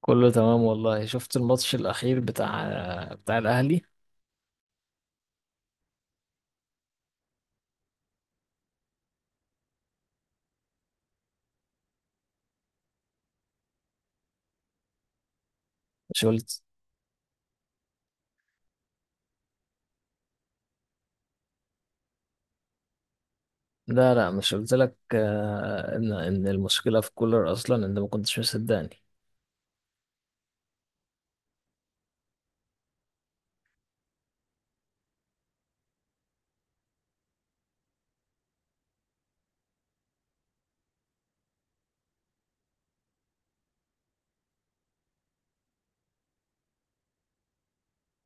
كله تمام والله. شفت الماتش الأخير بتاع الأهلي. مش قلت؟ لا لا، مش قلت لك آه، إن المشكلة في كولر أصلا؟ أنت ما كنتش مصدقني.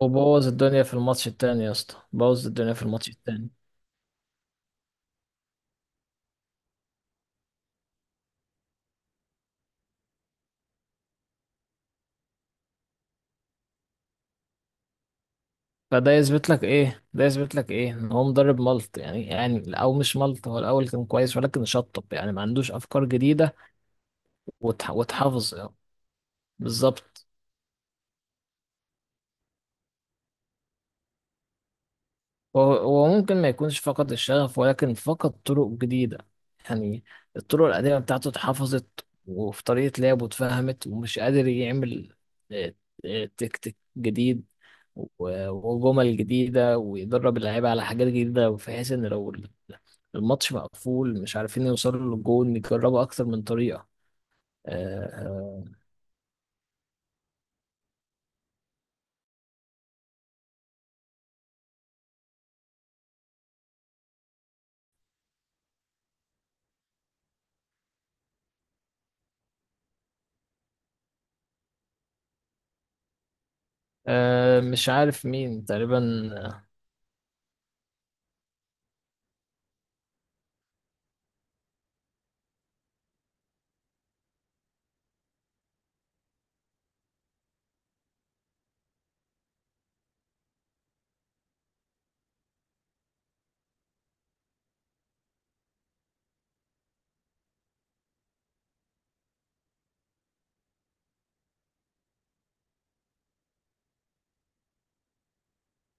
وبوظ الدنيا في الماتش التاني يا اسطى، بوظ الدنيا في الماتش التاني. فده يثبت لك إيه؟ ده يثبت لك إيه؟ إن هو مدرب ملط، يعني أو مش ملط، هو الأول كان كويس ولكن شطب يعني، ما عندوش أفكار جديدة وتحافظ. بالظبط. هو ممكن ما يكونش فقد الشغف ولكن فقد طرق جديدة. يعني الطرق القديمة بتاعته اتحفظت، وفي طريقة لعبه اتفهمت، ومش قادر يعمل آه، تكتيك جديد وجمل جديدة، ويدرب اللعيبة على حاجات جديدة بحيث إن لو الماتش مقفول مش عارفين يوصلوا للجون يجربوا أكتر من طريقة. آه، آه، مش عارف مين تقريبا.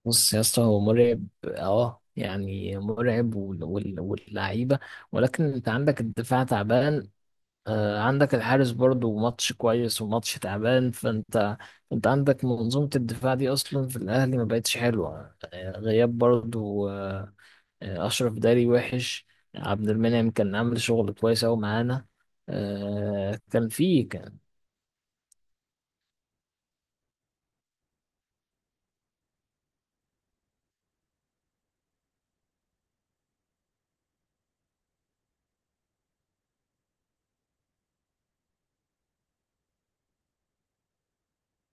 بص يا اسطى، هو مرعب اه يعني، مرعب واللعيبه، ولكن انت عندك الدفاع تعبان، عندك الحارس برضو ماتش كويس وماتش تعبان. فانت عندك منظومه الدفاع دي اصلا في الاهلي ما بقتش حلوه، غياب برضو. اشرف داري وحش. عبد المنعم كان عامل شغل كويس قوي معانا، آه، كان فيه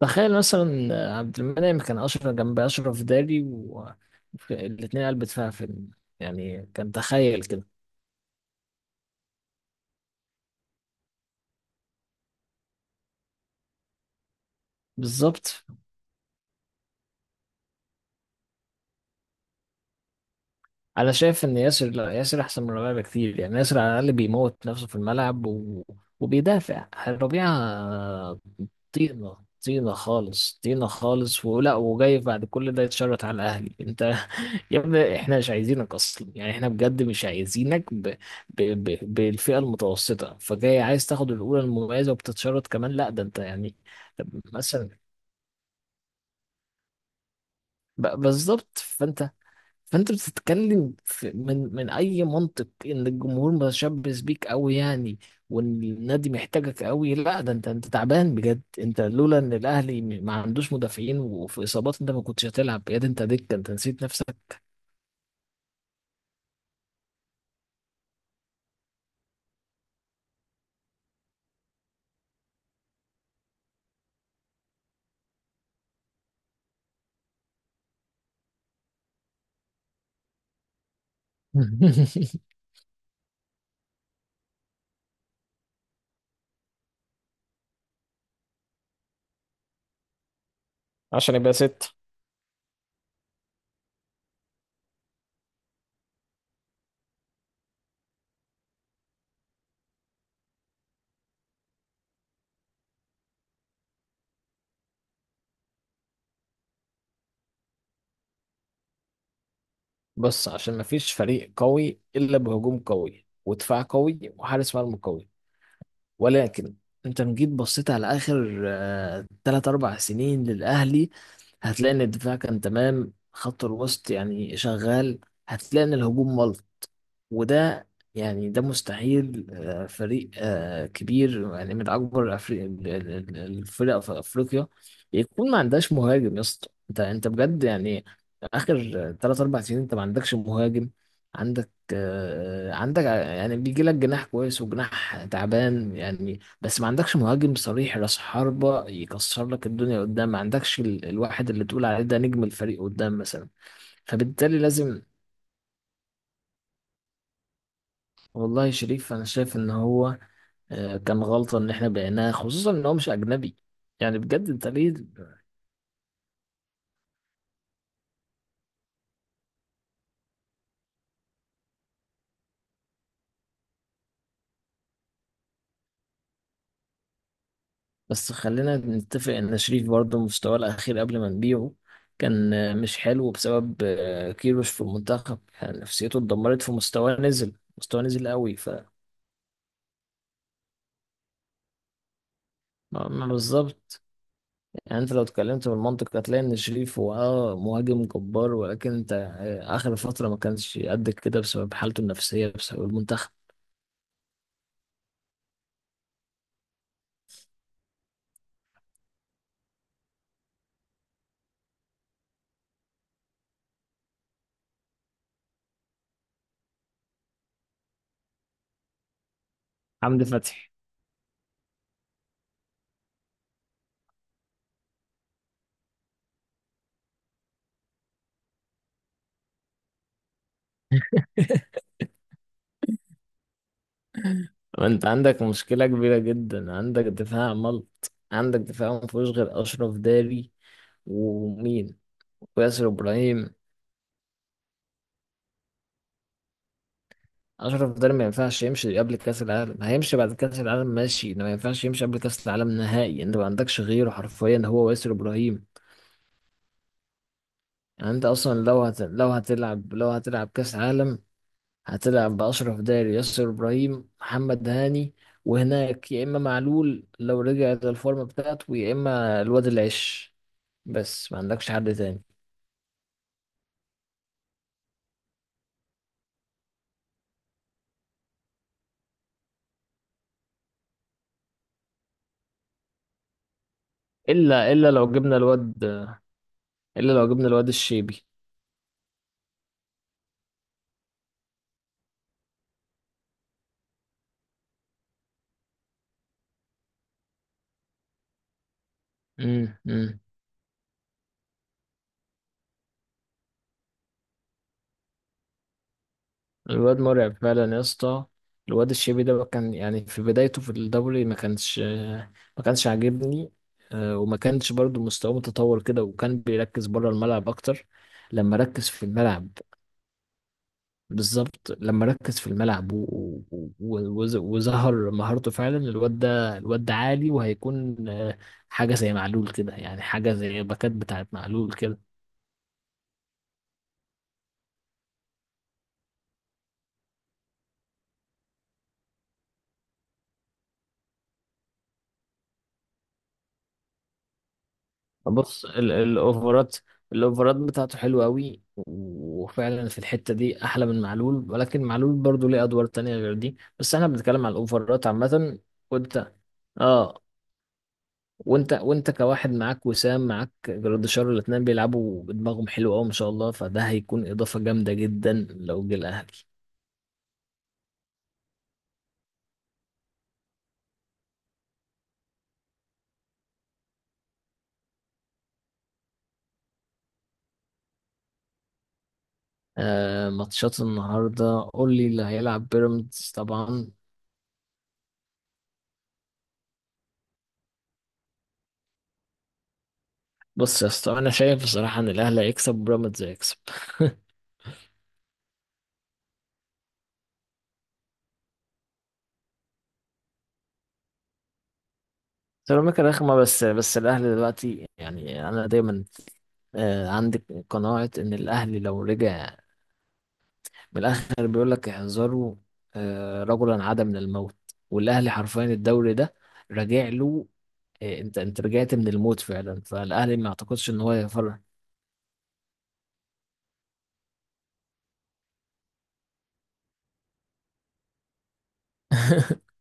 تخيل مثلا عبد المنعم كان أشرف جنب أشرف داري، والاتنين قلبت فيها فيلم. يعني كان، تخيل كده. بالظبط. أنا شايف إن ياسر، لا ياسر أحسن من ربيعة بكتير. يعني ياسر على الأقل بيموت نفسه في الملعب وبيدافع. ربيعة طينة، طينة خالص، طينة خالص. ولا وجاي بعد كل ده يتشرط على الأهلي؟ أنت يا ابني احنا مش عايزينك اصلا. يعني احنا بجد مش عايزينك بالفئه المتوسطه، فجاي عايز تاخد الاولى المميزه وبتتشرط كمان؟ لا ده انت يعني. طب مثلا بالظبط. فانت بتتكلم من اي منطق ان الجمهور متشبث بيك قوي يعني، وان النادي محتاجك قوي؟ لا ده انت تعبان بجد. انت لولا ان الاهلي ما عندوش مدافعين وفي اصابات انت ما كنتش هتلعب. يا ده انت دكه، انت نسيت نفسك. عشان يبقى ست. بص، عشان مفيش فريق قوي إلا بهجوم قوي ودفاع قوي وحارس مرمى قوي. ولكن انت لو جيت بصيت على آخر تلات أربع سنين للأهلي، هتلاقي إن الدفاع كان تمام، خط الوسط يعني شغال، هتلاقي إن الهجوم ملط. وده يعني، ده مستحيل. فريق كبير يعني من اكبر الفرق في افريقيا يكون ما عندهاش مهاجم. يا اسطى انت انت بجد يعني، اخر 3 4 سنين انت ما عندكش مهاجم. عندك يعني بيجي لك جناح كويس وجناح تعبان يعني، بس ما عندكش مهاجم صريح، راس حربة يكسر لك الدنيا قدام. ما عندكش الواحد اللي تقول عليه ده نجم الفريق قدام مثلا. فبالتالي لازم. والله شريف انا شايف ان هو كان غلطة إن إحنا بعناه، خصوصا إن هو مش أجنبي. يعني بجد أنت ليه. بس خلينا نتفق إن شريف برضه مستواه الأخير قبل ما نبيعه كان مش حلو بسبب كيروش في المنتخب. يعني نفسيته اتدمرت، فمستواه نزل. مستواه نزل قوي ف... ما- ما بالظبط. يعني أنت لو اتكلمت بالمنطق هتلاقي إن شريف هو أه مهاجم جبار، ولكن أنت آخر فترة ما كانش قد كده بسبب حالته النفسية، بسبب المنتخب. حمدي فتحي. ما انت عندك مشكلة كبيرة جدا، عندك دفاع ملط، عندك دفاع ما فيهوش غير أشرف داري ومين؟ وياسر إبراهيم. أشرف داري ما ينفعش يمشي قبل كأس العالم، هيمشي بعد كأس العالم ماشي، إنه ما ينفعش يمشي قبل كأس العالم نهائي. أنت ما عندكش غيره حرفيا، هو وياسر إبراهيم. يعني أنت أصلا لو لو هتلعب كأس عالم، هتلعب بأشرف داري، ياسر إبراهيم، محمد هاني. وهناك يا إما معلول لو رجع للفورمة بتاعته، يا إما الواد العش. بس ما عندكش حد تاني إلا إلا لو جبنا الواد إلا لو جبنا الواد الشيبي. امم امم الواد مرعب فعلا يا اسطى. الواد الشيبي ده كان، يعني في بدايته في الدوري ما كانش عاجبني، وما كانش برضو مستواه متطور كده، وكان بيركز بره الملعب أكتر. لما ركز في الملعب، بالظبط لما ركز في الملعب وظهر مهارته فعلا. الواد ده، الواد ده عالي وهيكون حاجة زي معلول كده، يعني حاجة زي باكات بتاعت معلول كده. بص الاوفرات، الاوفرات بتاعته حلوة قوي، وفعلا في الحتة دي احلى من معلول، ولكن معلول برضو ليه ادوار تانية غير دي، بس احنا بنتكلم على الاوفرات عامة. وانت اه وانت وانت كواحد معاك وسام، معاك جراديشار، الاتنين بيلعبوا بدماغهم حلو قوي ما شاء الله، فده هيكون اضافه جامده جدا لو جه الاهلي. آه ماتشات النهارده، قول لي اللي هيلعب. بيراميدز طبعا. بص يا اسطى، انا شايف بصراحه ان الاهلي هيكسب وبيراميدز هيكسب. سيراميكا رخمه، بس الاهلي دلوقتي يعني انا دايما آه عندي قناعه ان الاهلي لو رجع، من الاخر بيقول لك احذروا رجلا عاد من الموت. والاهلي حرفيا الدوري ده راجع له. انت انت رجعت من الموت فعلا، فالاهلي ما اعتقدش ان هو يفرق.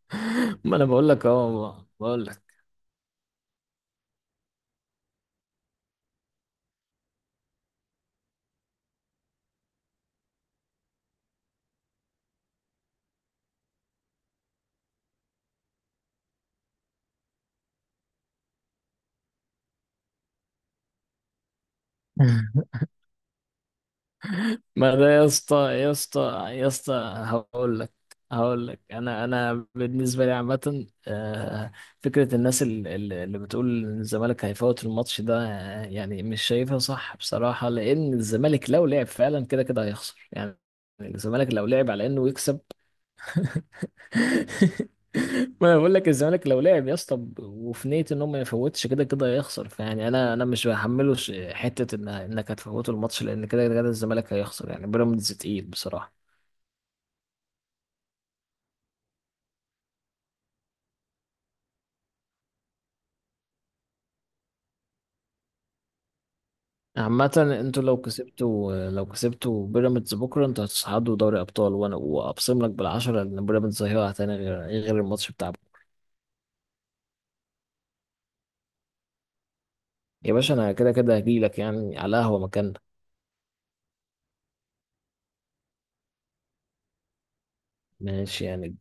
ما انا بقول لك اهو، بقول لك. ما ده يا اسطى يا اسطى يا اسطى، هقول لك انا بالنسبه لي عامه، فكره الناس اللي بتقول ان الزمالك هيفوت الماتش ده، يعني مش شايفها صح بصراحه، لان الزمالك لو لعب فعلا كده كده هيخسر يعني. الزمالك لو لعب على انه يكسب. ما انا بقول لك الزمالك لو لعب يا اسطى وفي نية ان هو ما يفوتش، كده كده هيخسر. فيعني انا، مش بحمله حتة ان انك هتفوته الماتش، لان كده كده الزمالك هيخسر. يعني بيراميدز تقيل بصراحة. عامة، انتوا لو كسبتوا لو كسبتوا بيراميدز بكرة، انتوا هتصعدوا دوري ابطال، وانا واقسم لك بالعشرة ان بيراميدز هيقع تاني غير الماتش بتاع بكرة. يا باشا انا كده كده هجيلك يعني، على قهوة مكاننا. ماشي يعني.